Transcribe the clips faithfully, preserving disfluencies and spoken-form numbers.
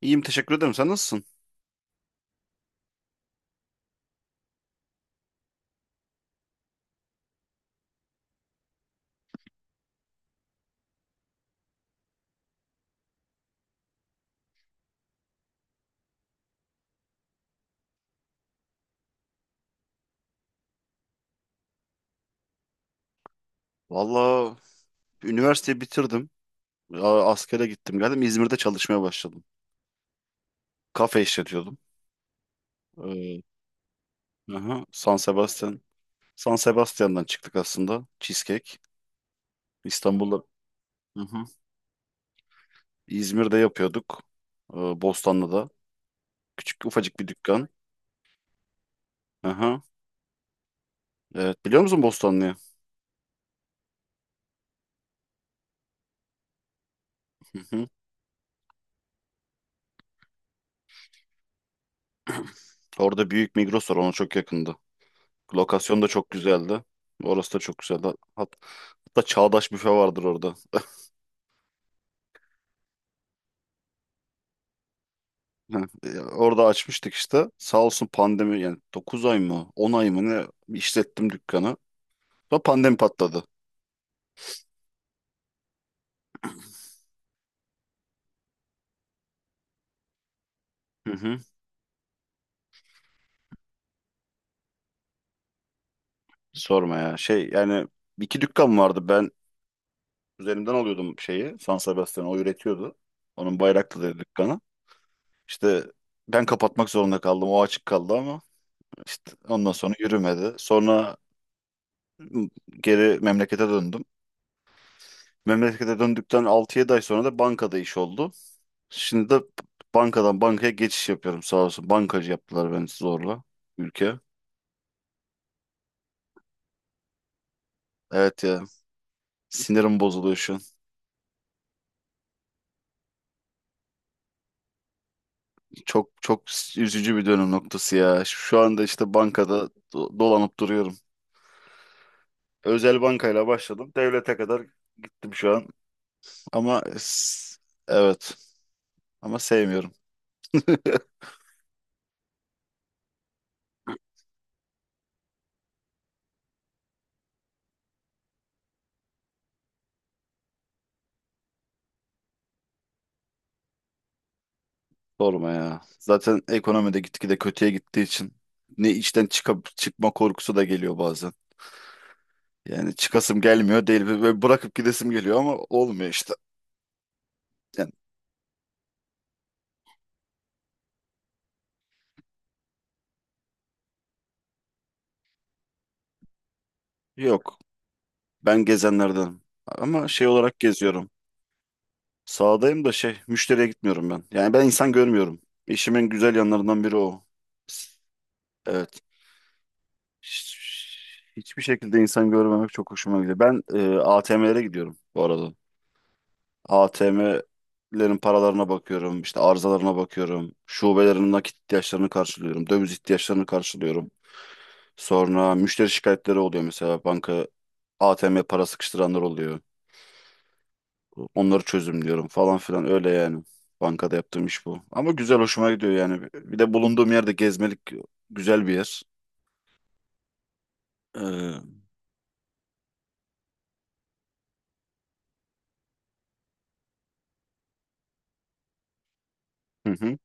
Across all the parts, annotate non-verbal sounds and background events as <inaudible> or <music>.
İyiyim, teşekkür ederim. Sen nasılsın? Valla, üniversiteyi bitirdim. A- Askere gittim geldim. İzmir'de çalışmaya başladım. Kafe işletiyordum. Ee, aha, San Sebastian. San Sebastian'dan çıktık aslında. Cheesecake. İstanbul'da. Aha. İzmir'de yapıyorduk. Ee, Bostanlı'da. Küçük, ufacık bir dükkan. Aha. Evet, biliyor musun Bostanlı'yı? Hı hı. Orada büyük Migros var, ona çok yakındı. Lokasyon da çok güzeldi. Orası da çok güzeldi. Hat- Hatta çağdaş büfe vardır orada. Ha, e, orada açmıştık işte. Sağ olsun pandemi, yani dokuz ay mı, on ay mı ne işlettim dükkanı. Sonra pandemi patladı. Hı hı. Sorma ya. Şey, yani iki dükkan vardı. Ben üzerimden alıyordum şeyi. San Sebastian o üretiyordu. Onun Bayraklı'da dükkanı. İşte ben kapatmak zorunda kaldım. O açık kaldı ama işte ondan sonra yürümedi. Sonra geri memlekete döndüm. Memlekete döndükten altı yedi ay sonra da bankada iş oldu. Şimdi de bankadan bankaya geçiş yapıyorum sağ olsun. Bankacı yaptılar beni zorla, ülke. Evet ya, sinirim bozuluyor şu an. Çok çok üzücü bir dönüm noktası ya. Şu anda işte bankada do- dolanıp duruyorum. Özel bankayla başladım. Devlete kadar gittim şu an. Ama s- evet, ama sevmiyorum. <laughs> Sorma ya. Zaten ekonomide gitgide kötüye gittiği için ne işten çıkıp çıkma korkusu da geliyor bazen. Yani çıkasım gelmiyor değil ve ve bırakıp gidesim geliyor ama olmuyor işte. Yani yok. Ben gezenlerden. Ama şey olarak geziyorum. Sağdayım da şey, müşteriye gitmiyorum ben. Yani ben insan görmüyorum. İşimin güzel yanlarından biri o. Evet. Hiç- Hiçbir şekilde insan görmemek çok hoşuma gidiyor. Ben e, A T M'lere gidiyorum bu arada. A T M'lerin paralarına bakıyorum, işte arızalarına bakıyorum. Şubelerin nakit ihtiyaçlarını karşılıyorum, döviz ihtiyaçlarını karşılıyorum. Sonra müşteri şikayetleri oluyor, mesela banka A T M para sıkıştıranlar oluyor. Onları çözümlüyorum falan filan, öyle yani. Bankada yaptığım iş bu. Ama güzel, hoşuma gidiyor yani. Bir de bulunduğum yerde gezmelik güzel bir yer. Ee, hı hı.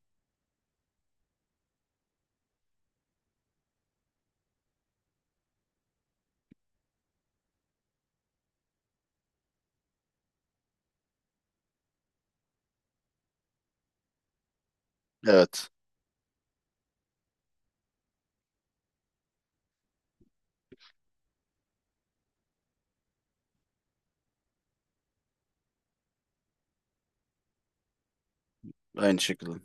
Evet. Aynı şekilde.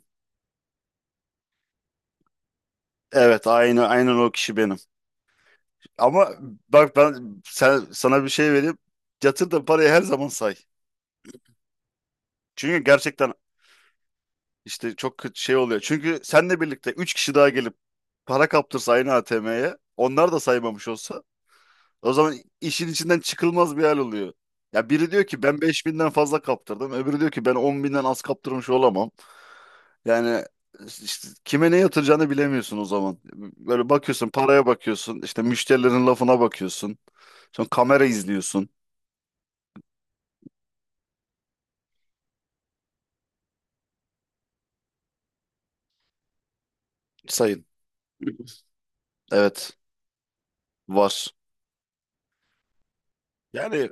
Evet, aynı aynen o kişi benim. Ama bak ben sen, sana bir şey vereyim. Yatırdığın parayı her zaman say. Çünkü gerçekten işte çok kötü şey oluyor. Çünkü seninle birlikte üç kişi daha gelip para kaptırsa aynı A T M'ye, onlar da saymamış olsa, o zaman işin içinden çıkılmaz bir hal oluyor. Ya biri diyor ki ben beş binden fazla kaptırdım. Öbürü diyor ki ben on binden az kaptırmış olamam. Yani işte kime ne yatıracağını bilemiyorsun o zaman. Böyle bakıyorsun, paraya bakıyorsun, işte müşterilerin lafına bakıyorsun. Sonra kamera izliyorsun. Sayın. Evet, var. Yani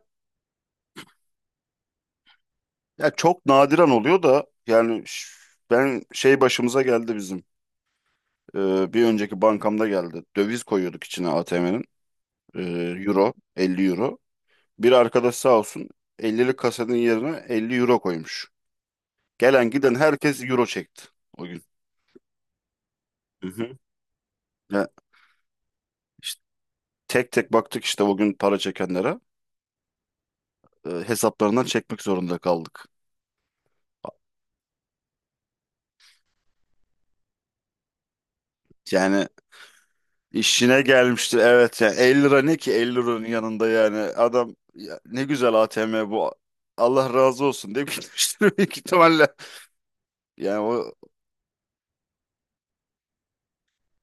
ya çok nadiren oluyor da, yani ş- ben şey, başımıza geldi bizim. Ee, bir önceki bankamda geldi. Döviz koyuyorduk içine A T M'nin. Ee, Euro, elli euro. Bir arkadaş sağ olsun, ellilik kasanın yerine elli euro koymuş. Gelen giden herkes euro çekti o gün. Hı hı. Ya işte tek tek baktık işte o gün para çekenlere, e, hesaplarından çekmek zorunda kaldık. Yani işine gelmiştir evet, yani elli lira ne ki elli liranın yanında, yani adam ya ne güzel A T M bu, Allah razı olsun diye gitmiştir <laughs> büyük ihtimalle. Yani o,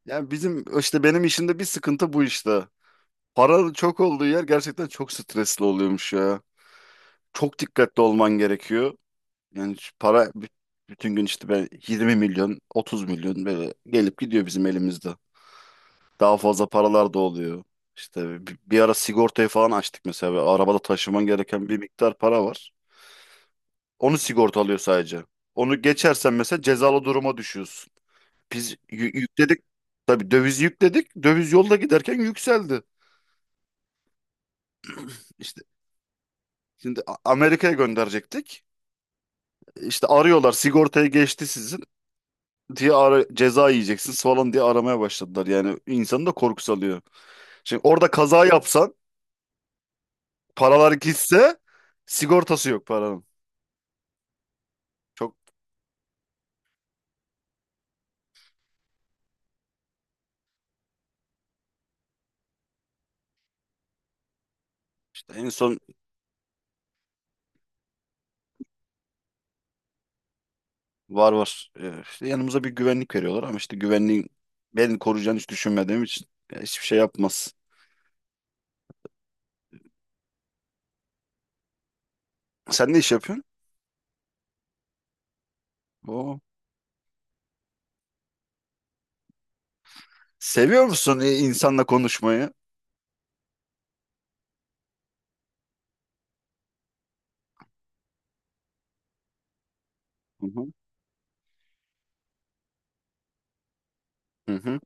yani bizim işte, benim işimde bir sıkıntı bu işte. Para çok olduğu yer gerçekten çok stresli oluyormuş ya. Çok dikkatli olman gerekiyor. Yani şu para bü- bütün gün işte, ben yirmi milyon, otuz milyon böyle gelip gidiyor bizim elimizde. Daha fazla paralar da oluyor. İşte bir, bir ara sigortayı falan açtık mesela. Ve arabada taşıman gereken bir miktar para var. Onu sigorta alıyor sadece. Onu geçersen mesela cezalı duruma düşüyorsun. Biz yü- yükledik. Tabii dövizi yükledik. Döviz yolda giderken yükseldi. İşte şimdi A- Amerika'ya gönderecektik. İşte arıyorlar, sigortayı geçti sizin diye ara, ceza yiyeceksiniz falan diye aramaya başladılar. Yani insanı da korku salıyor. Şimdi orada kaza yapsan, paralar gitse, sigortası yok paranın. Çok işte en son. Var, var. Ee, işte yanımıza bir güvenlik veriyorlar ama işte güvenliğin beni koruyacağını hiç düşünmediğim için, ya hiçbir şey yapmaz. Sen ne iş yapıyorsun? Oo. Seviyor musun e, insanla konuşmayı? Hı hı. Hı hı.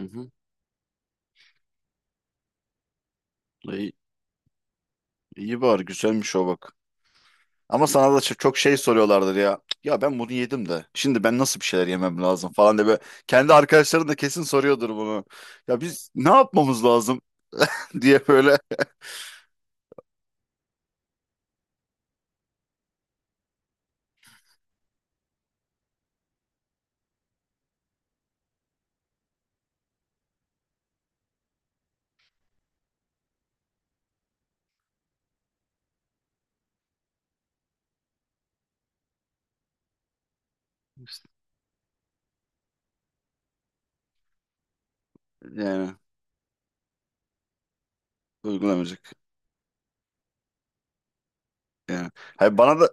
Hı hı. İyi, iyi bari güzelmiş o bak. Ama sana da ç- çok şey soruyorlardır ya. Ya ben bunu yedim de, şimdi ben nasıl bir şeyler yemem lazım falan diye böyle. Kendi arkadaşların da kesin soruyordur bunu. Ya biz ne yapmamız lazım <laughs> diye böyle, yani uygulamayacak. Yani. Hayır, bana da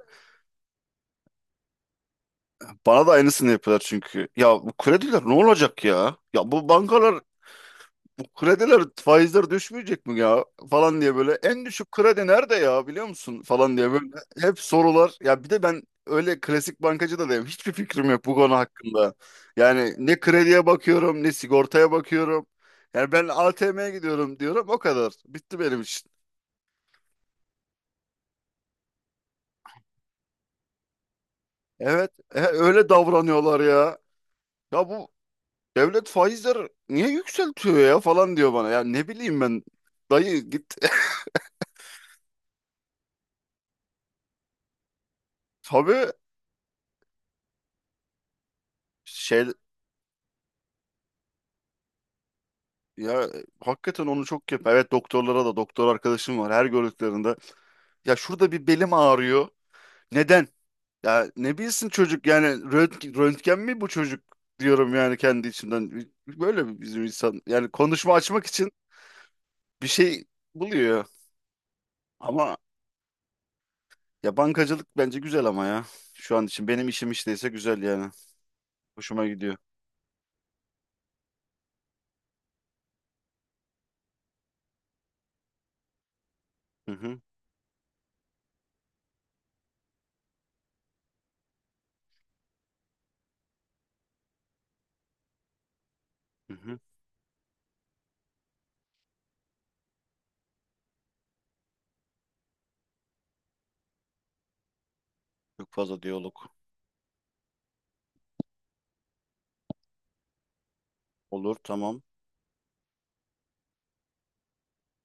bana da aynısını yapıyorlar çünkü. Ya bu krediler ne olacak ya? Ya bu bankalar, bu krediler, faizler düşmeyecek mi ya falan diye böyle, en düşük kredi nerede ya biliyor musun falan diye böyle hep sorular ya. Bir de ben öyle klasik bankacı da değilim, hiçbir fikrim yok bu konu hakkında. Yani ne krediye bakıyorum ne sigortaya bakıyorum, yani ben A T M'ye gidiyorum diyorum, o kadar, bitti benim için. Evet, e, öyle davranıyorlar ya. Ya bu devlet faizler niye yükseltiyor ya falan diyor bana, ya ne bileyim ben, dayı git. <laughs> Tabii, şey. Ya e, hakikaten onu çok yap. Evet, doktorlara da doktor arkadaşım var, her gördüklerinde. Ya şurada bir belim ağrıyor. Neden? Ya ne bilsin çocuk, yani röntgen, röntgen mi bu çocuk diyorum yani kendi içimden. Böyle bizim insan yani konuşma açmak için bir şey buluyor. Ama ya bankacılık bence güzel ama ya. Şu an için benim işim işteyse güzel yani. Hoşuma gidiyor. Hı hı, hı hı. Çok fazla diyalog. Olur tamam.